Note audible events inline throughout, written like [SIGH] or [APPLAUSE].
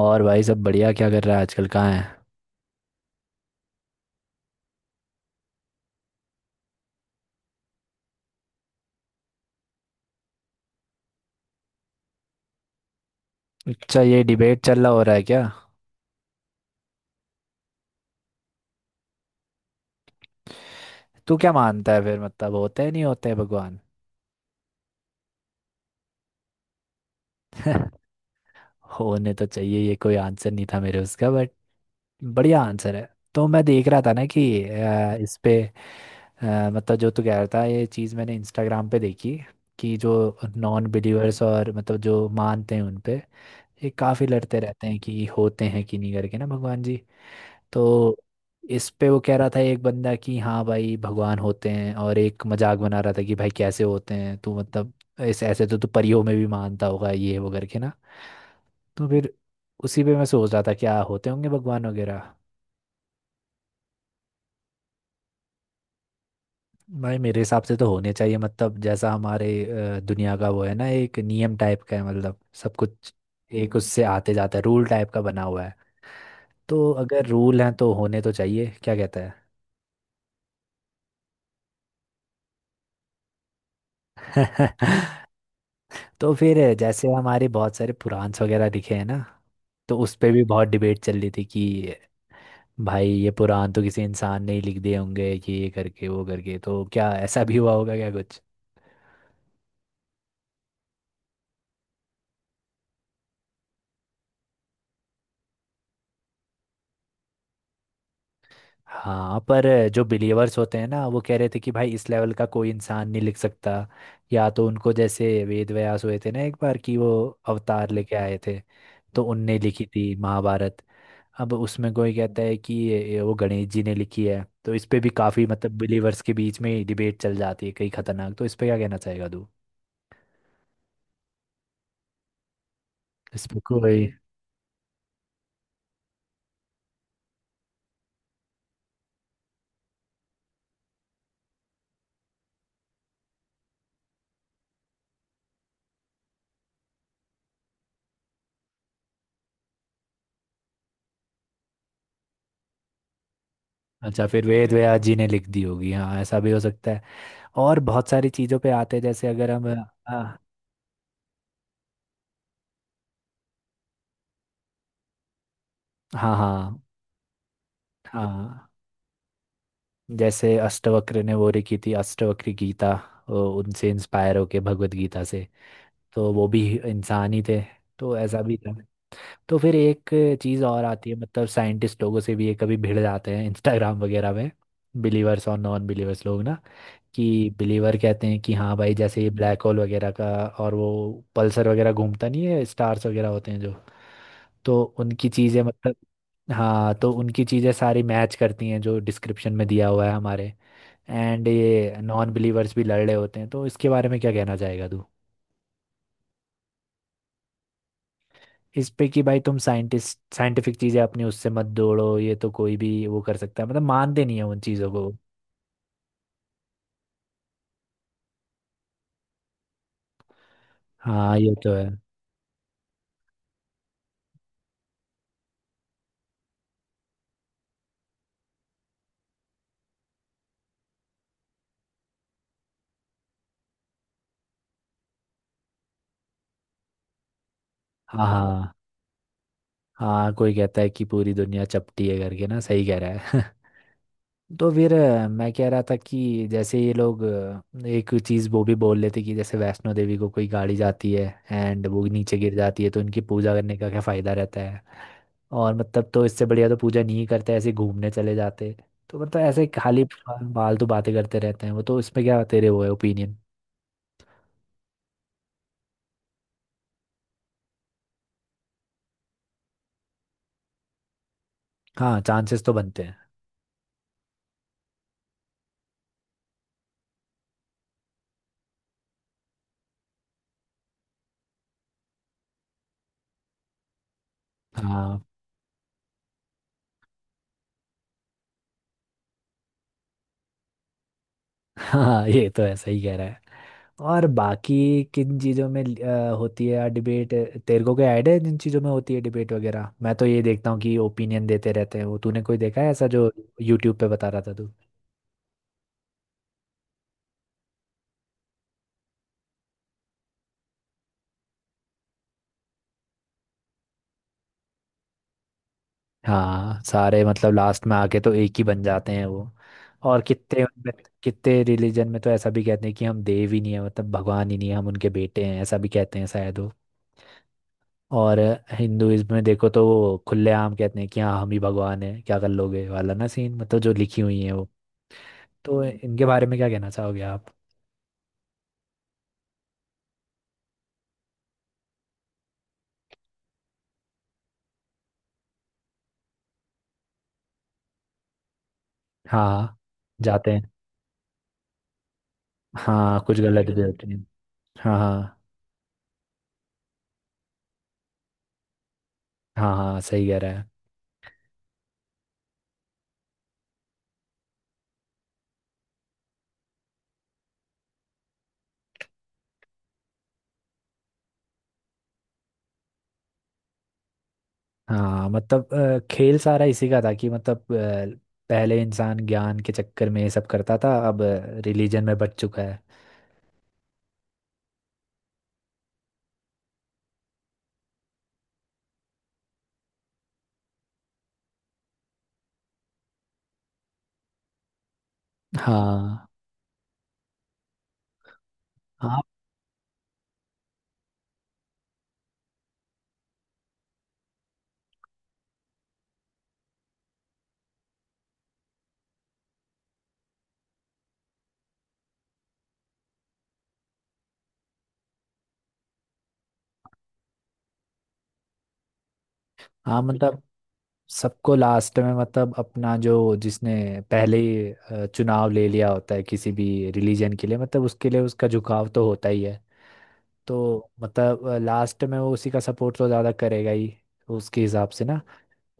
और भाई, सब बढ़िया? क्या कर रहा है आजकल, कहाँ है? अच्छा, ये डिबेट चल रहा, हो रहा है क्या? तू क्या मानता है फिर? मतलब होते हैं, नहीं होते हैं भगवान? [LAUGHS] होने तो चाहिए, ये कोई आंसर नहीं था मेरे उसका, बट बढ़िया आंसर है। तो मैं देख रहा था ना कि इस पे मतलब जो तू कह रहा था, ये चीज़ मैंने इंस्टाग्राम पे देखी, कि जो नॉन बिलीवर्स और मतलब जो मानते हैं उन पे ये काफ़ी लड़ते रहते हैं कि होते हैं कि नहीं करके ना भगवान जी। तो इस पे वो कह रहा था एक बंदा कि हाँ भाई भगवान होते हैं, और एक मजाक बना रहा था कि भाई कैसे होते हैं तू? मतलब ऐसे ऐसे तो तू परियों में भी मानता होगा ये वो करके ना। तो फिर उसी पे मैं सोच रहा था क्या होते होंगे भगवान वगैरह। भाई मेरे हिसाब से तो होने चाहिए, मतलब जैसा हमारे दुनिया का वो है ना, एक नियम टाइप का है, मतलब सब कुछ एक उससे आते जाता है, रूल टाइप का बना हुआ है। तो अगर रूल हैं तो होने तो चाहिए, क्या कहता है? [LAUGHS] तो फिर जैसे हमारे बहुत सारे पुराण वगैरह लिखे हैं ना, तो उस पे भी बहुत डिबेट चल रही थी कि भाई ये पुराण तो किसी इंसान ने ही लिख दिए होंगे कि ये करके वो करके, तो क्या ऐसा भी हुआ होगा क्या? हाँ, पर जो बिलीवर्स होते हैं ना वो कह रहे थे कि भाई इस लेवल का कोई इंसान नहीं लिख सकता, या तो उनको जैसे वेद व्यास हुए थे ना एक बार, कि वो अवतार लेके आए थे, तो उनने लिखी थी महाभारत। अब उसमें कोई कहता है कि वो गणेश जी ने लिखी है, तो इस पे भी काफी मतलब बिलीवर्स के बीच में डिबेट चल जाती है, कई खतरनाक। तो इस पे क्या कहना चाहेगा तू? इस पे कोई। अच्छा, फिर वेद व्यास जी ने लिख दी होगी, हाँ ऐसा भी हो सकता है। और बहुत सारी चीजों पे आते हैं, जैसे अगर हम आ, हाँ हाँ। हाँ जैसे अष्टवक्र ने वो लिखी थी, अष्टवक्र गीता, उनसे इंस्पायर होके भगवत गीता से, तो वो भी इंसान ही थे। तो ऐसा भी था। तो फिर एक चीज़ और आती है, मतलब साइंटिस्ट लोगों से भी ये कभी भिड़ जाते हैं इंस्टाग्राम वगैरह में, बिलीवर्स और नॉन बिलीवर्स लोग ना, कि बिलीवर कहते हैं कि हाँ भाई जैसे ये ब्लैक होल वगैरह का और वो पल्सर वगैरह घूमता नहीं है, स्टार्स वगैरह होते हैं जो, तो उनकी चीज़ें मतलब, हाँ तो उनकी चीज़ें सारी मैच करती हैं जो डिस्क्रिप्शन में दिया हुआ है हमारे। एंड ये नॉन बिलीवर्स भी लड़ रहे होते हैं, तो इसके बारे में क्या कहना चाहेगा तू? इस पे कि भाई तुम साइंटिस्ट साइंटिफिक चीज़ें अपनी उससे मत जोड़ो, ये तो कोई भी वो कर सकता है, मतलब मानते नहीं है उन चीज़ों को। हाँ ये तो है। हाँ हाँ। हाँ कोई कहता है कि पूरी दुनिया चपटी है करके ना, सही कह रहा है। तो फिर मैं कह रहा था कि जैसे ये लोग एक चीज़ वो भी बोल लेते कि जैसे वैष्णो देवी को कोई गाड़ी जाती है एंड वो नीचे गिर जाती है, तो इनकी पूजा करने का क्या फ़ायदा रहता है और मतलब, तो इससे बढ़िया तो पूजा नहीं करते, ऐसे ही घूमने चले जाते। तो मतलब ऐसे खाली फालतू बातें करते रहते हैं वो, तो इसमें क्या तेरे वो है ओपिनियन? हाँ चांसेस तो बनते हैं। हाँ। हाँ ये तो है, सही कह रहा है। और बाकी किन चीज़ों में होती है डिबेट? तेरे को क्या आइडिया है जिन चीज़ों में होती है डिबेट वगैरह? मैं तो ये देखता हूँ कि ओपिनियन देते रहते हैं वो। तूने कोई देखा है ऐसा जो यूट्यूब पे बता रहा था तू? हाँ सारे मतलब लास्ट में आके तो एक ही बन जाते हैं वो। और कितने रिलीजन में तो ऐसा भी कहते हैं कि हम देव ही नहीं है, मतलब भगवान ही नहीं है, हम उनके बेटे हैं, ऐसा भी कहते हैं शायद। और हिंदुइज्म में देखो तो वो खुलेआम कहते हैं कि हाँ हम ही भगवान हैं, क्या कर लोगे वाला ना सीन, मतलब जो लिखी हुई है वो। तो इनके बारे में क्या कहना चाहोगे आप? हाँ जाते हैं। हाँ कुछ गलत भी [LAUGHS] होती है। हाँ हाँ। हाँ हाँ, सही कह रहा है। हाँ मतलब खेल सारा इसी का था कि मतलब पहले इंसान ज्ञान के चक्कर में ये सब करता था, अब रिलीजन में बच चुका है। हाँ। हाँ। हाँ मतलब सबको लास्ट में, मतलब अपना जो जिसने पहले ही चुनाव ले लिया होता है किसी भी रिलीजन के लिए, मतलब उसके लिए उसका झुकाव तो होता ही है, तो मतलब लास्ट में वो उसी का सपोर्ट तो ज़्यादा करेगा ही, उसके हिसाब से ना।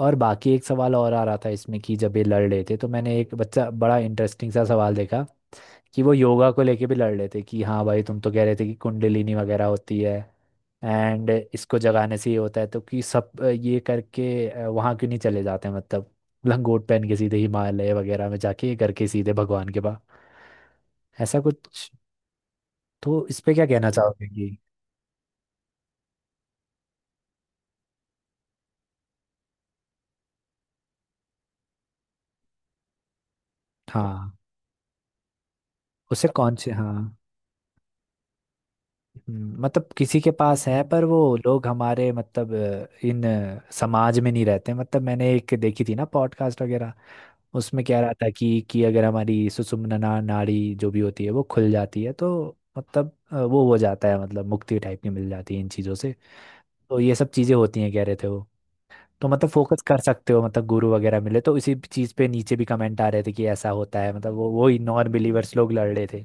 और बाकी एक सवाल और आ रहा था इसमें, कि जब ये लड़ रहे थे तो मैंने एक बच्चा बड़ा इंटरेस्टिंग सा सवाल देखा, कि वो योगा को लेके भी लड़ रहे थे कि हाँ भाई तुम तो कह रहे थे कि कुंडलिनी वगैरह होती है एंड इसको जगाने से ये होता है, तो कि सब ये करके वहाँ क्यों नहीं चले जाते? मतलब लंगोट पहन के सीधे हिमालय वगैरह में जाके ये करके सीधे भगवान के पास, ऐसा कुछ। तो इस पे क्या कहना चाहोगे कि? हाँ, उसे कौन से हाँ। मतलब किसी के पास है, पर वो लोग हमारे मतलब इन समाज में नहीं रहते। मतलब मैंने एक देखी थी ना पॉडकास्ट वगैरह, उसमें कह रहा था कि अगर हमारी सुषुम्ना नाड़ी जो भी होती है वो खुल जाती है तो मतलब वो हो जाता है, मतलब मुक्ति टाइप की मिल जाती है इन चीज़ों से, तो ये सब चीज़ें होती हैं कह रहे थे वो। तो मतलब फोकस कर सकते हो, मतलब गुरु वगैरह मिले तो, इसी चीज़ पे नीचे भी कमेंट आ रहे थे कि ऐसा होता है, मतलब वो वही नॉन बिलीवर्स लोग लड़ रहे थे।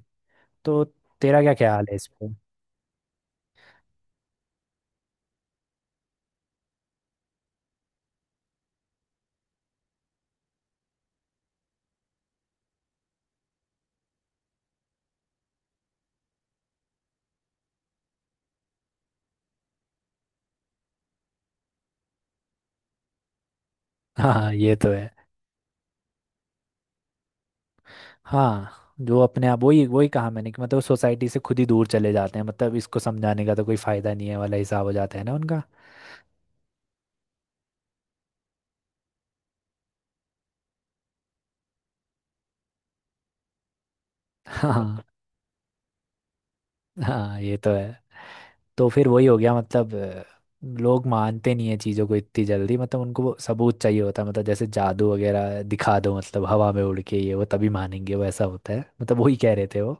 तो तेरा क्या ख्याल है इस पे? [LAUGHS] हाँ ये तो है। हाँ जो अपने आप, वही वही कहा मैंने कि मतलब सोसाइटी से खुद ही दूर चले जाते हैं, मतलब इसको समझाने का तो कोई फायदा नहीं है वाला हिसाब हो जाता है ना उनका। हाँ। हाँ ये तो है। तो फिर वही हो गया, मतलब लोग मानते नहीं है चीज़ों को इतनी जल्दी, मतलब उनको वो सबूत चाहिए होता है, मतलब जैसे जादू वगैरह दिखा दो, मतलब हवा में उड़ के ये वो, तभी मानेंगे वो, ऐसा होता है मतलब, वही कह रहे थे वो।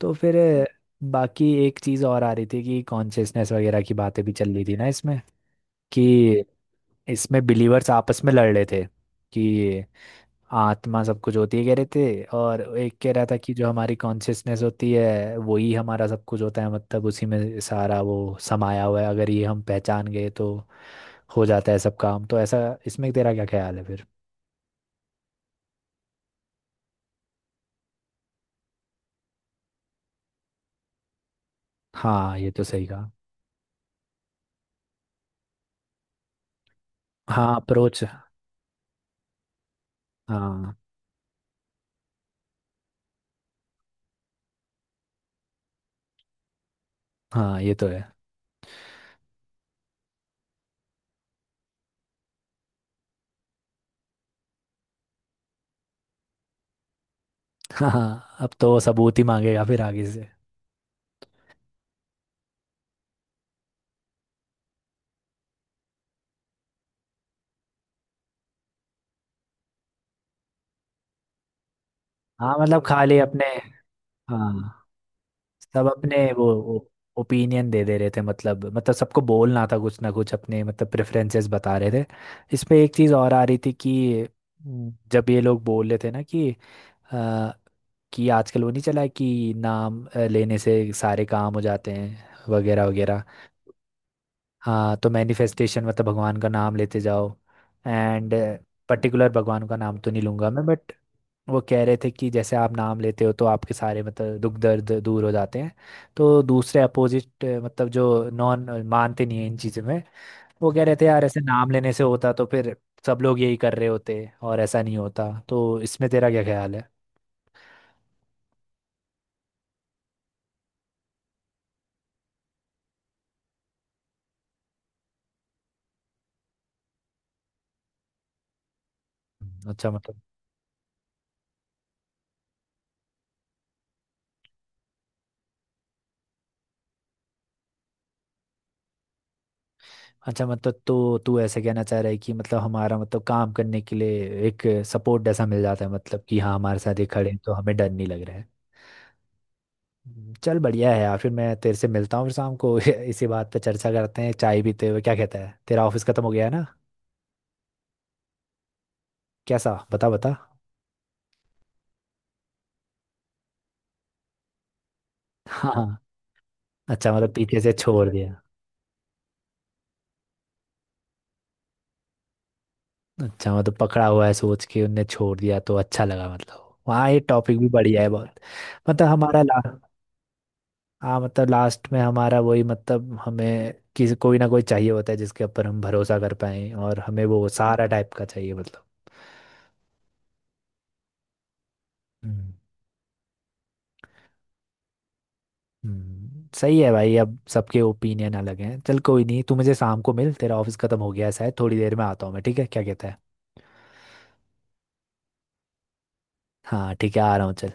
तो फिर बाकी एक चीज़ और आ रही थी कि कॉन्शियसनेस वगैरह की बातें भी चल रही थी ना इसमें, कि इसमें बिलीवर्स आपस में लड़ रहे थे कि आत्मा सब कुछ होती है कह रहे थे, और एक कह रहा था कि जो हमारी कॉन्शियसनेस होती है वही हमारा सब कुछ होता है, मतलब उसी में सारा वो समाया हुआ है, अगर ये हम पहचान गए तो हो जाता है सब काम, तो ऐसा। इसमें तेरा क्या ख्याल है फिर? हाँ ये तो सही कहा। हाँ अप्रोच। हाँ। हाँ ये तो है। [LAUGHS] हाँ अब तो वो सबूत ही मांगेगा फिर आगे से। हाँ मतलब खाली अपने, हाँ सब अपने वो ओपिनियन दे दे रहे थे, मतलब सबको बोलना था कुछ ना कुछ अपने, मतलब प्रेफरेंसेस बता रहे थे। इस पे एक चीज़ और आ रही थी कि जब ये लोग बोल रहे थे ना कि अ, कि आजकल वो नहीं चला है कि नाम लेने से सारे काम हो जाते हैं वगैरह वगैरह। हाँ, तो मैनिफेस्टेशन, मतलब भगवान का नाम लेते जाओ एंड, पर्टिकुलर भगवान का नाम तो नहीं लूंगा मैं बट, वो कह रहे थे कि जैसे आप नाम लेते हो तो आपके सारे मतलब दुख दर्द दूर हो जाते हैं। तो दूसरे अपोजिट मतलब जो नॉन मानते नहीं है इन चीज़ों में, वो कह रहे थे यार ऐसे नाम लेने से होता तो फिर सब लोग यही कर रहे होते, और ऐसा नहीं होता। तो इसमें तेरा क्या ख्याल है? अच्छा मतलब, अच्छा मतलब तो तू ऐसे कहना चाह रहा है कि मतलब हमारा मतलब काम करने के लिए एक सपोर्ट जैसा मिल जाता है, मतलब कि हाँ हमारे साथ ये खड़े हैं तो हमें डर नहीं लग रहा है। चल बढ़िया है यार, फिर मैं तेरे से मिलता हूँ फिर शाम को [LAUGHS] इसी बात पे चर्चा करते हैं चाय पीते हुए, क्या कहता है? तेरा ऑफिस खत्म हो गया है ना? कैसा, बता बता। हाँ। अच्छा मतलब पीछे से छोड़ दिया। अच्छा मतलब पकड़ा हुआ है सोच के उनने छोड़ दिया तो अच्छा लगा, मतलब वहाँ, ये टॉपिक भी बढ़िया है बहुत। मतलब हमारा ला, हाँ मतलब लास्ट में हमारा वही, मतलब हमें किसी, कोई ना कोई चाहिए होता है जिसके ऊपर हम भरोसा कर पाए और हमें वो सहारा टाइप का चाहिए मतलब। हम्म। सही है भाई, अब सबके ओपिनियन अलग हैं, चल कोई नहीं, तू मुझे शाम को मिल, तेरा ऑफिस खत्म हो गया है शायद, थोड़ी देर में आता हूँ मैं, ठीक है क्या कहता है? हाँ ठीक है, आ रहा हूँ चल।